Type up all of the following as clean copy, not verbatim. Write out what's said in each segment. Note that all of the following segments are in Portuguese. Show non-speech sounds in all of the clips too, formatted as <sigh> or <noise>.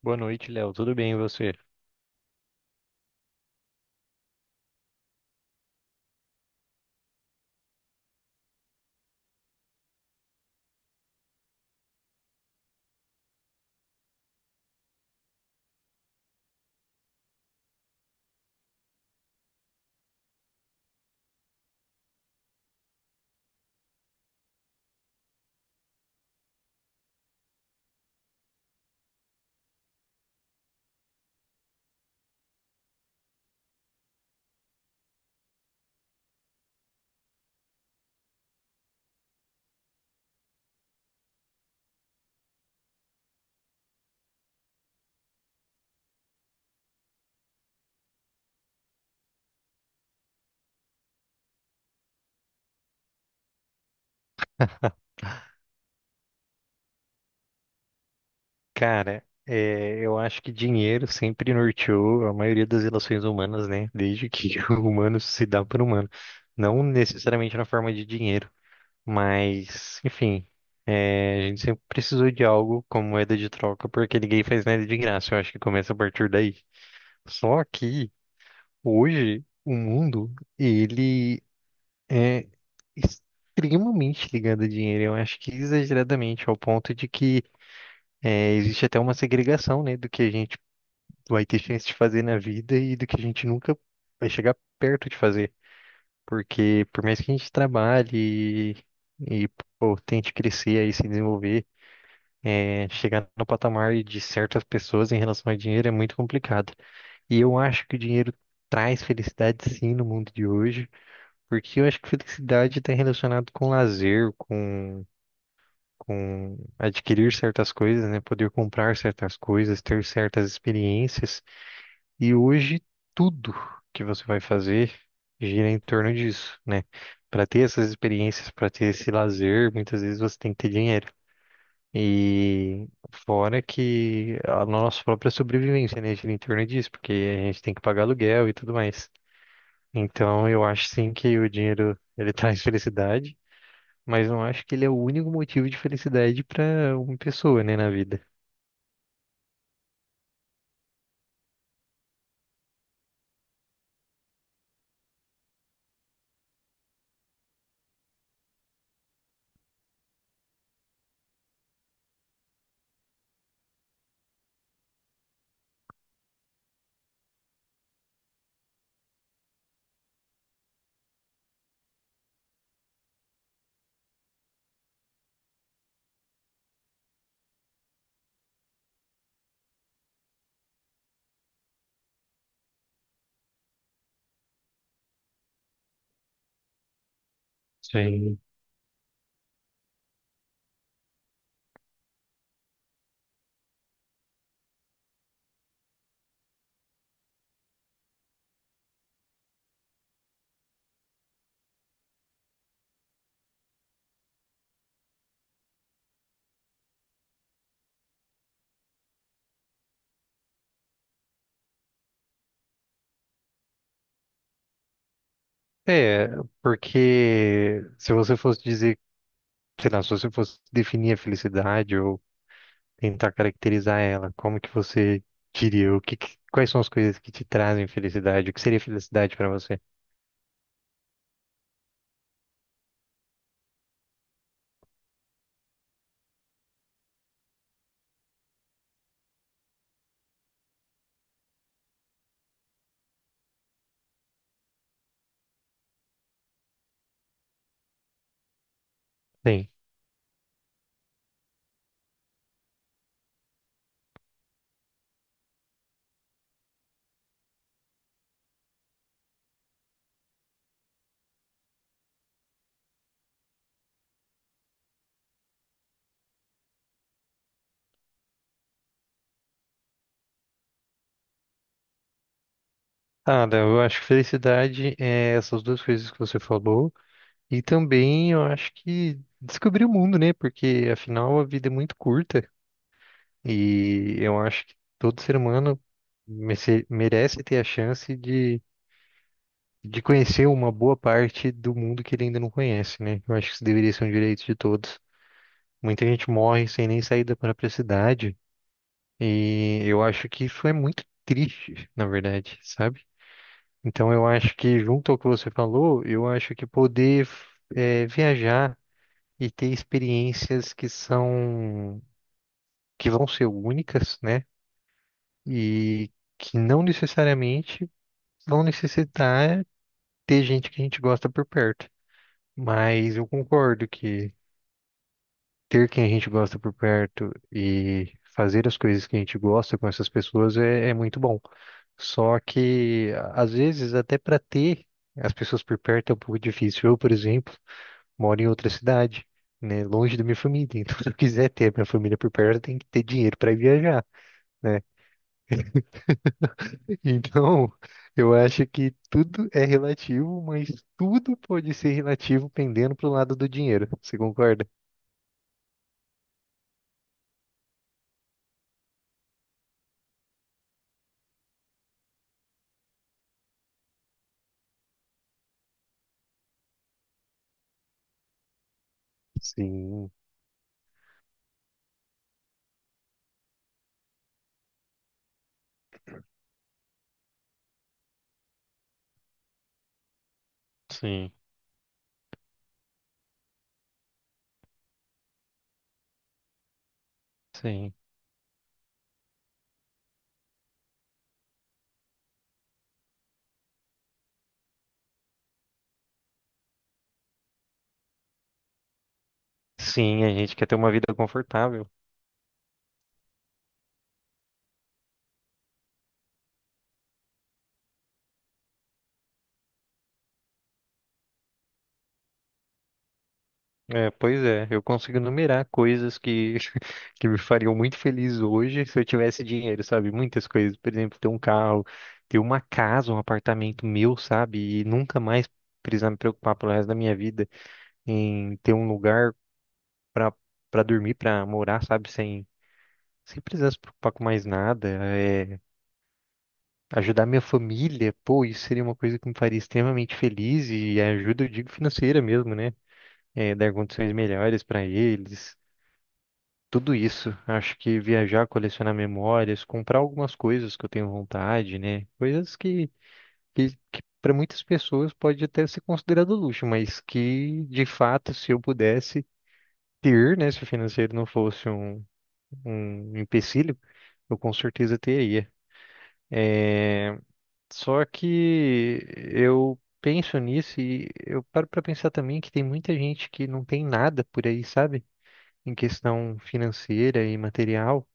Boa noite, Léo. Tudo bem, e você? Cara, eu acho que dinheiro sempre norteou a maioria das relações humanas, né? Desde que <laughs> o humano se dá por humano. Não necessariamente na forma de dinheiro, mas, enfim, a gente sempre precisou de algo como moeda de troca, porque ninguém faz nada de graça. Eu acho que começa a partir daí. Só que, hoje, o mundo, ele é extremamente ligado a dinheiro. Eu acho que exageradamente, ao ponto de que é, existe até uma segregação, né, do que a gente vai ter chance de fazer na vida e do que a gente nunca vai chegar perto de fazer. Porque por mais que a gente trabalhe e, e, pô, tente crescer e se desenvolver, chegar no patamar de certas pessoas em relação a dinheiro é muito complicado. E eu acho que o dinheiro traz felicidade sim no mundo de hoje, porque eu acho que felicidade está relacionado com lazer, com adquirir certas coisas, né? Poder comprar certas coisas, ter certas experiências. E hoje tudo que você vai fazer gira em torno disso, né? Para ter essas experiências, para ter esse lazer, muitas vezes você tem que ter dinheiro. E fora que a nossa própria sobrevivência, né, gira em torno disso, porque a gente tem que pagar aluguel e tudo mais. Então, eu acho sim que o dinheiro ele <laughs> traz felicidade, mas não acho que ele é o único motivo de felicidade para uma pessoa, né, na vida. Sim. É, porque se você fosse dizer, sei lá, se você fosse definir a felicidade ou tentar caracterizar ela, como que você diria? O que, quais são as coisas que te trazem felicidade? O que seria felicidade para você? Bem, Ada, eu acho que felicidade é essas duas coisas que você falou e também eu acho que descobrir o mundo, né? Porque afinal a vida é muito curta. E eu acho que todo ser humano merece ter a chance de conhecer uma boa parte do mundo que ele ainda não conhece, né? Eu acho que isso deveria ser um direito de todos. Muita gente morre sem nem sair da própria cidade, e eu acho que isso é muito triste, na verdade, sabe? Então eu acho que, junto ao que você falou, eu acho que poder viajar e ter experiências que são, que vão ser únicas, né? E que não necessariamente vão necessitar ter gente que a gente gosta por perto. Mas eu concordo que ter quem a gente gosta por perto e fazer as coisas que a gente gosta com essas pessoas é, é muito bom. Só que, às vezes, até para ter as pessoas por perto é um pouco difícil. Eu, por exemplo, moro em outra cidade, né, longe da minha família. <laughs> Então, se eu quiser ter a minha família por perto, eu tenho que ter dinheiro para viajar. Né? Então, eu acho que tudo é relativo, mas tudo pode ser relativo pendendo pro lado do dinheiro. Você concorda? Sim, sim, sim. Sim, a gente quer ter uma vida confortável. É, pois é, eu consigo numerar coisas que, <laughs> que me fariam muito feliz hoje se eu tivesse dinheiro, sabe? Muitas coisas, por exemplo, ter um carro, ter uma casa, um apartamento meu, sabe? E nunca mais precisar me preocupar pelo resto da minha vida em ter um lugar pra, pra dormir, pra morar, sabe? Sem, sem precisar se preocupar com mais nada. É, ajudar minha família, pô, isso seria uma coisa que me faria extremamente feliz e ajuda, eu digo, financeira mesmo, né? É, dar condições melhores pra eles. Tudo isso, acho que viajar, colecionar memórias, comprar algumas coisas que eu tenho vontade, né? Coisas que para muitas pessoas pode até ser considerado luxo, mas que de fato, se eu pudesse ter, né, se o financeiro não fosse um, um empecilho, eu com certeza teria. É, só que eu penso nisso e eu paro para pensar também que tem muita gente que não tem nada por aí, sabe? Em questão financeira e material,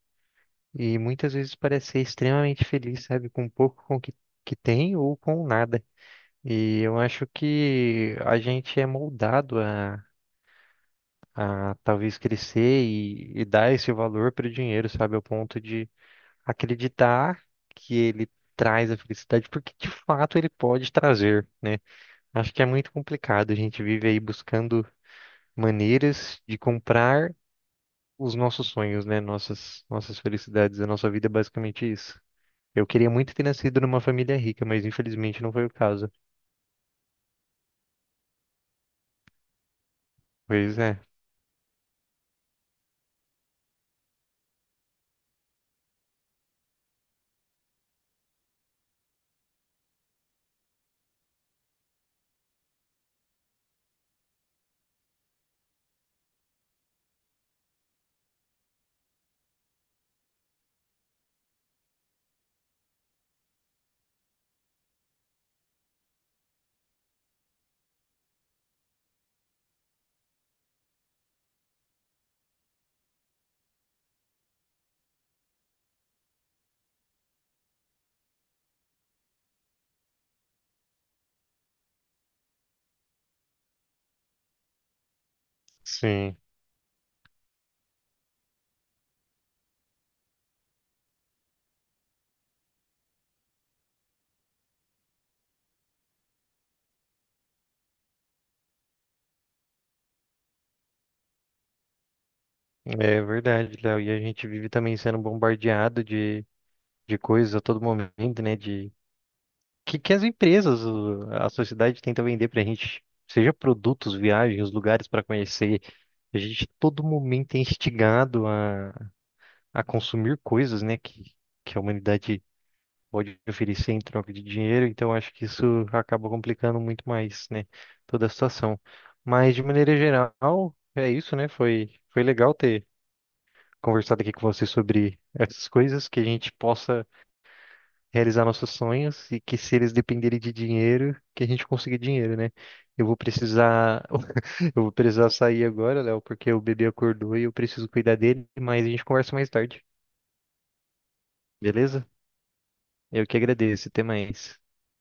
e muitas vezes parece ser extremamente feliz, sabe? Com pouco com o que, que tem ou com nada. E eu acho que a gente é moldado a talvez crescer e dar esse valor para o dinheiro, sabe? Ao ponto de acreditar que ele traz a felicidade, porque de fato ele pode trazer, né? Acho que é muito complicado. A gente vive aí buscando maneiras de comprar os nossos sonhos, né? Nossas, nossas felicidades. A nossa vida é basicamente isso. Eu queria muito ter nascido numa família rica, mas infelizmente não foi o caso. Pois é. Sim, é verdade, Léo. E a gente vive também sendo bombardeado de coisas a todo momento, né? De que as empresas, a sociedade tenta vender pra gente, seja produtos, viagens, lugares para conhecer. A gente todo momento é instigado a consumir coisas, né, que a humanidade pode oferecer em troca de dinheiro, então acho que isso acaba complicando muito mais, né, toda a situação. Mas de maneira geral, é isso, né? Foi, foi legal ter conversado aqui com você sobre essas coisas que a gente possa realizar nossos sonhos e que se eles dependerem de dinheiro, que a gente consiga dinheiro, né? Eu vou precisar, <laughs> eu vou precisar sair agora, Léo, porque o bebê acordou e eu preciso cuidar dele, mas a gente conversa mais tarde, beleza? Eu que agradeço, até mais.